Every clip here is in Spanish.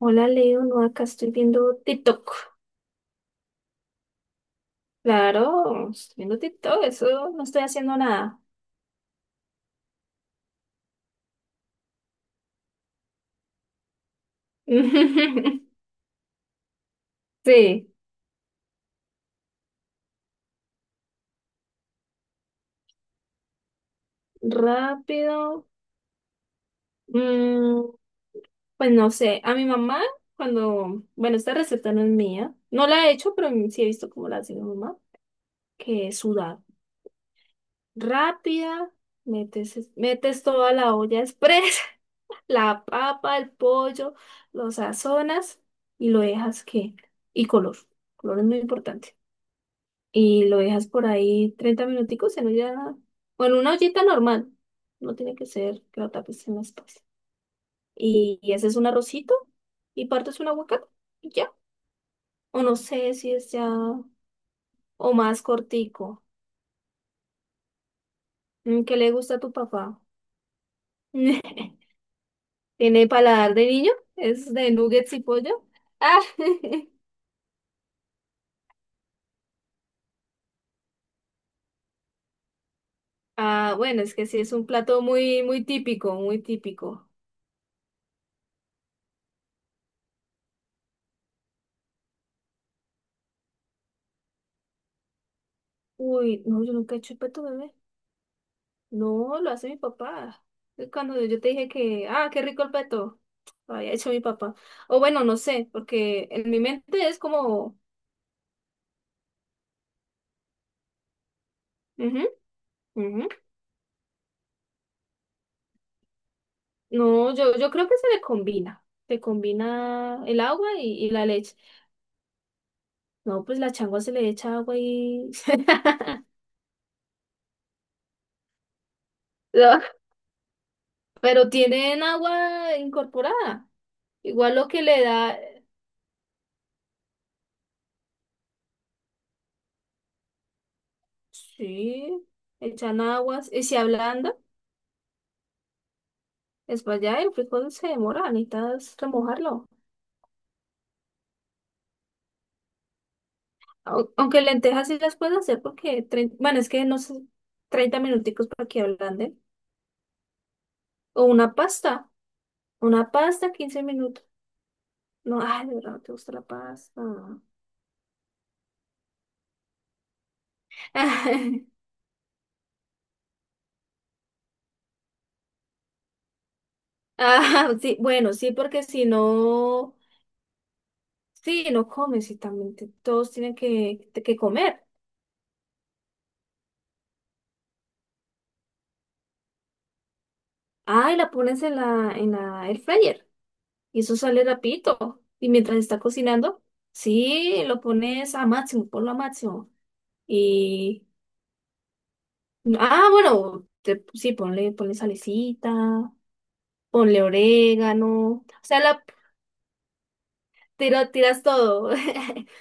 Hola Leo, no, acá estoy viendo TikTok. Claro, estoy viendo TikTok, eso no estoy haciendo nada. Sí, rápido. Mm, pues no sé, a mi mamá, cuando, bueno, esta receta no es mía, no la he hecho, pero sí he visto cómo la hace mi mamá, que es sudar. Rápida, metes toda la olla express. La papa, el pollo, lo sazonas y lo dejas que, y color. Color es muy importante. Y lo dejas por ahí 30 minuticos en olla, o en una ollita normal. No tiene que ser que lo tapes en la espalda. Y haces un arrocito y partes un aguacate y ya. O no sé si es ya, o más cortico. ¿Qué le gusta a tu papá? ¿Tiene paladar de niño? ¿Es de nuggets y pollo? Ah, ah, bueno, es que sí, es un plato muy, muy típico, muy típico. Uy, no, yo nunca he hecho peto bebé. No, lo hace mi papá. Cuando yo te dije que, qué rico el peto, lo había hecho mi papá. O bueno, no sé, porque en mi mente es como, ujú, ujú. No, yo creo que se le combina. Se combina el agua y la leche. No, pues la changua se le echa agua y no, pero tienen agua incorporada. Igual lo que le da, sí, echan aguas y se ablanda. Es para allá, el frijol se demora, necesitas remojarlo. Aunque lentejas sí las puedes hacer porque, bueno, es que no sé, 30 minuticos para que ablanden. O una pasta, 15 minutos. No, ay, de verdad, no te gusta la pasta. Ah, sí, bueno, sí, porque si no, sí, no comes y también todos tienen que, comer. Ah, y la pones en la air fryer y eso sale rapidito. Y mientras está cocinando, sí, lo pones a máximo, ponlo a máximo. Ah, bueno, sí, ponle salecita, ponle orégano, o sea, la tiras todo.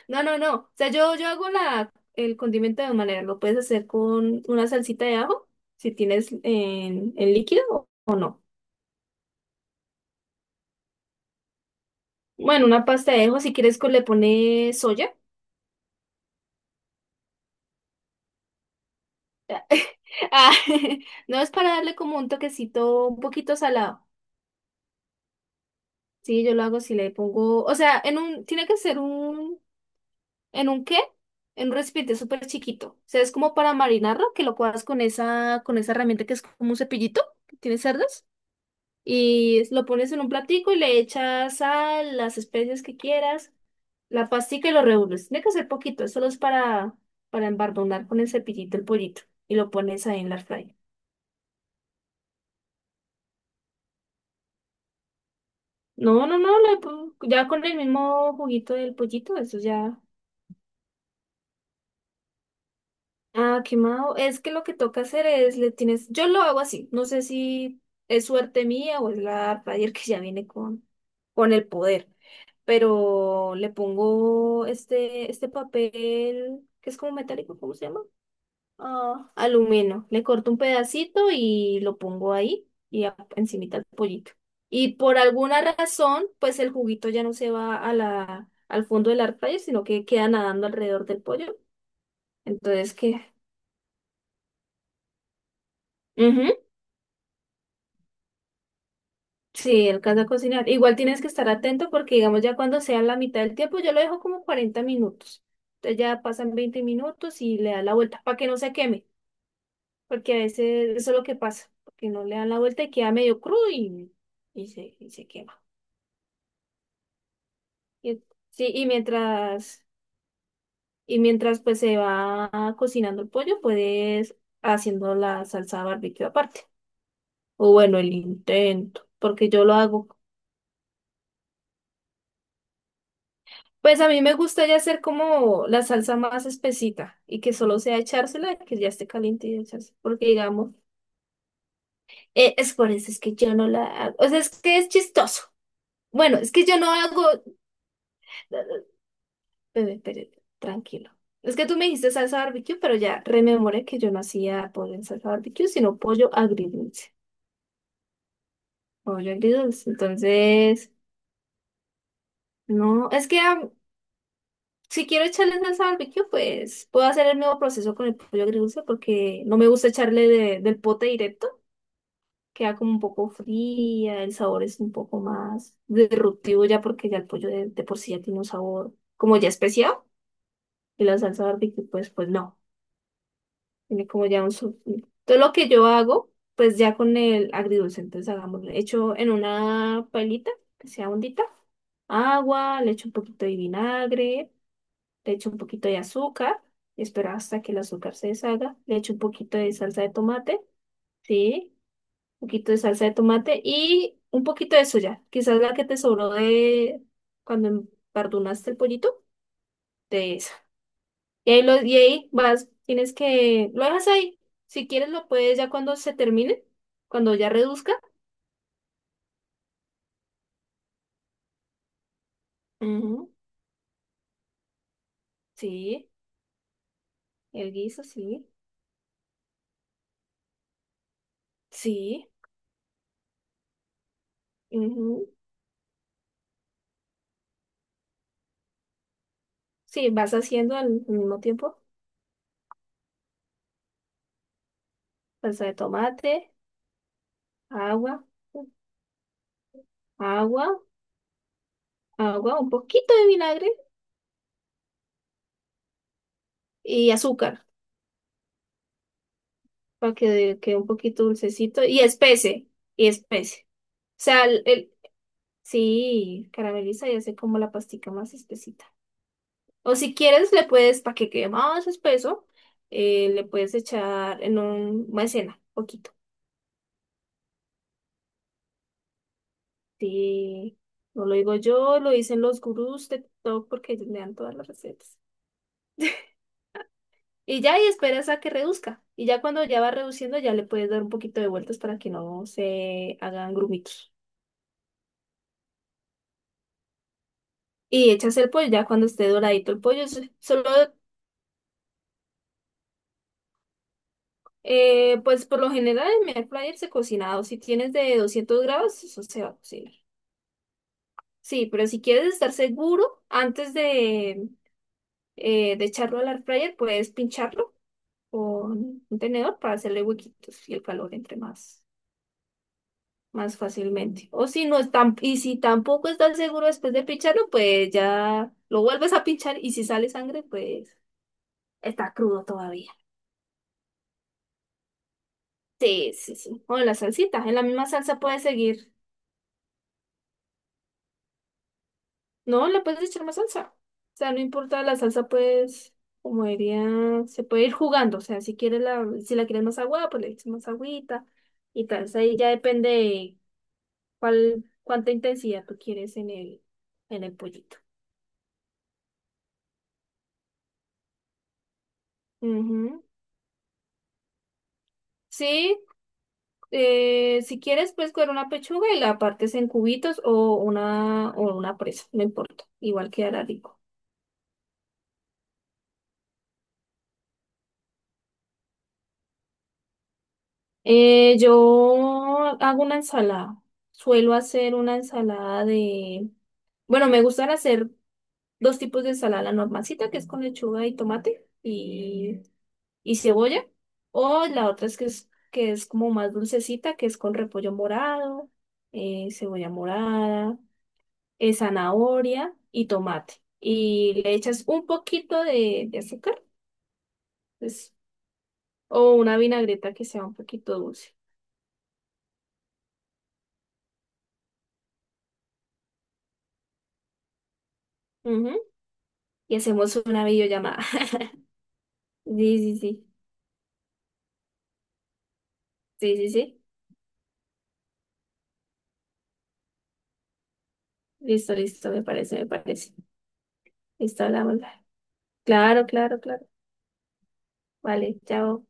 No, no, no. O sea, yo hago el condimento de dos maneras. Lo puedes hacer con una salsita de ajo, si tienes en líquido o no. Bueno, una pasta de ajo, si quieres le pones soya. Ah, no es para darle como un toquecito un poquito salado. Sí, yo lo hago si le pongo, o sea, tiene que ser un. ¿En un qué? En un recipiente súper chiquito. O sea, es como para marinarlo, que lo cuadras con esa herramienta que es como un cepillito que tiene cerdas. Lo pones en un platico y le echas sal, las especias que quieras, la pastica y lo revuelves. Tiene que ser poquito, es solo es para embardonar con el cepillito el pollito. Y lo pones ahí en la fry. No, no, no, ya con el mismo juguito del pollito, eso ya. Ah, quemado. Es que lo que toca hacer es, le tienes, yo lo hago así, no sé si es suerte mía o es la Radier que ya viene con el poder, pero le pongo este papel que es como metálico, ¿cómo se llama? Ah, aluminio. Le corto un pedacito y lo pongo ahí y encimita el pollito. Y por alguna razón, pues el juguito ya no se va a al fondo del air fryer, sino que queda nadando alrededor del pollo. Entonces, ¿qué? Sí, el caso de cocinar. Igual tienes que estar atento porque, digamos, ya cuando sea la mitad del tiempo, yo lo dejo como 40 minutos. Entonces ya pasan 20 minutos y le da la vuelta para que no se queme, porque a veces eso es lo que pasa, porque no le dan la vuelta y queda medio crudo y se quema. Y- sí, y mientras pues se va cocinando el pollo, puedes haciendo la salsa barbecue aparte. O bueno, el intento, porque yo lo hago. Pues a mí me gusta ya hacer como la salsa más espesita y que solo sea echársela, que ya esté caliente y echarse. Porque digamos, es por eso, es que yo no la hago. O sea, es que es chistoso. Bueno, es que yo no hago. Bebé, espere, tranquilo. Es que tú me dijiste salsa barbecue, pero ya rememoré que yo no hacía pollo en salsa barbecue, sino pollo agridulce. Pollo agridulce. Entonces, no, es que si quiero echarle salsa barbecue, pues puedo hacer el mismo proceso con el pollo agridulce porque no me gusta echarle del pote directo. Queda como un poco fría, el sabor es un poco más disruptivo ya porque ya el pollo de por sí ya tiene un sabor como ya especial. Y la salsa barbecue, pues no. Tiene como ya un... su- Todo lo que yo hago, pues ya con el agridulce. Entonces hagamos, hecho en una pailita que sea hondita, agua, le echo un poquito de vinagre. Le echo un poquito de azúcar, espero hasta que el azúcar se deshaga, le echo un poquito de salsa de tomate, sí, un poquito de salsa de tomate y un poquito de soya, quizás la que te sobró de cuando empardunaste el pollito, de esa. Y ahí vas, lo dejas ahí, si quieres lo puedes ya cuando se termine, cuando ya reduzca. Ujú, sí, el guiso, sí, sí, ujú. Sí, vas haciendo al mismo tiempo salsa de tomate, agua. Agua, agua, un poquito de vinagre y azúcar para que quede un poquito dulcecito y espese. O sea, sí, carameliza y hace como la pastica más espesita. O si quieres, le puedes, para que quede más espeso, le puedes echar en un maicena, poquito. Sí, no lo digo yo, lo dicen los gurús de TikTok porque ellos me dan todas las recetas. Y ya esperas a que reduzca. Y ya cuando ya va reduciendo, ya le puedes dar un poquito de vueltas para que no se hagan grumitos. Y echas el pollo, ya cuando esté doradito el pollo, solo, pues por lo general en mi air fryer se cocina, o si tienes de 200 grados, eso se va a cocinar. Sí, pero si quieres estar seguro, antes de echarlo al air fryer, puedes pincharlo con un tenedor para hacerle huequitos y el calor entre más. Más fácilmente. O si no están, y si tampoco estás seguro después de pincharlo, pues ya lo vuelves a pinchar y si sale sangre, pues está crudo todavía. Sí, sí, sí. O en la salsita, en la misma salsa puedes seguir. No, le puedes echar más salsa. O sea, no importa la salsa, pues, como diría, se puede ir jugando. O sea, si la quieres más agua, pues le echas más agüita y tal. O sea, ahí ya depende de cuál, cuánta intensidad tú quieres en el, pollito. Ujú. Sí, si quieres, puedes coger una pechuga y la partes en cubitos o una presa, no importa, igual quedará rico. Yo hago una ensalada. Suelo hacer una ensalada de. Bueno, me gustan hacer dos tipos de ensalada, la normalcita, que es con lechuga y tomate y cebolla, o la otra es que es, como más dulcecita, que es con repollo morado, cebolla morada. Zanahoria y tomate. Y le echas un poquito de azúcar, pues, o una vinagreta que sea un poquito dulce. Ujú. Y hacemos una videollamada. Sí, sí, sí. Sí, sí, sí. Listo, listo, me parece, me parece. Listo, hablamos. Claro, claro, claro. Vale, chao.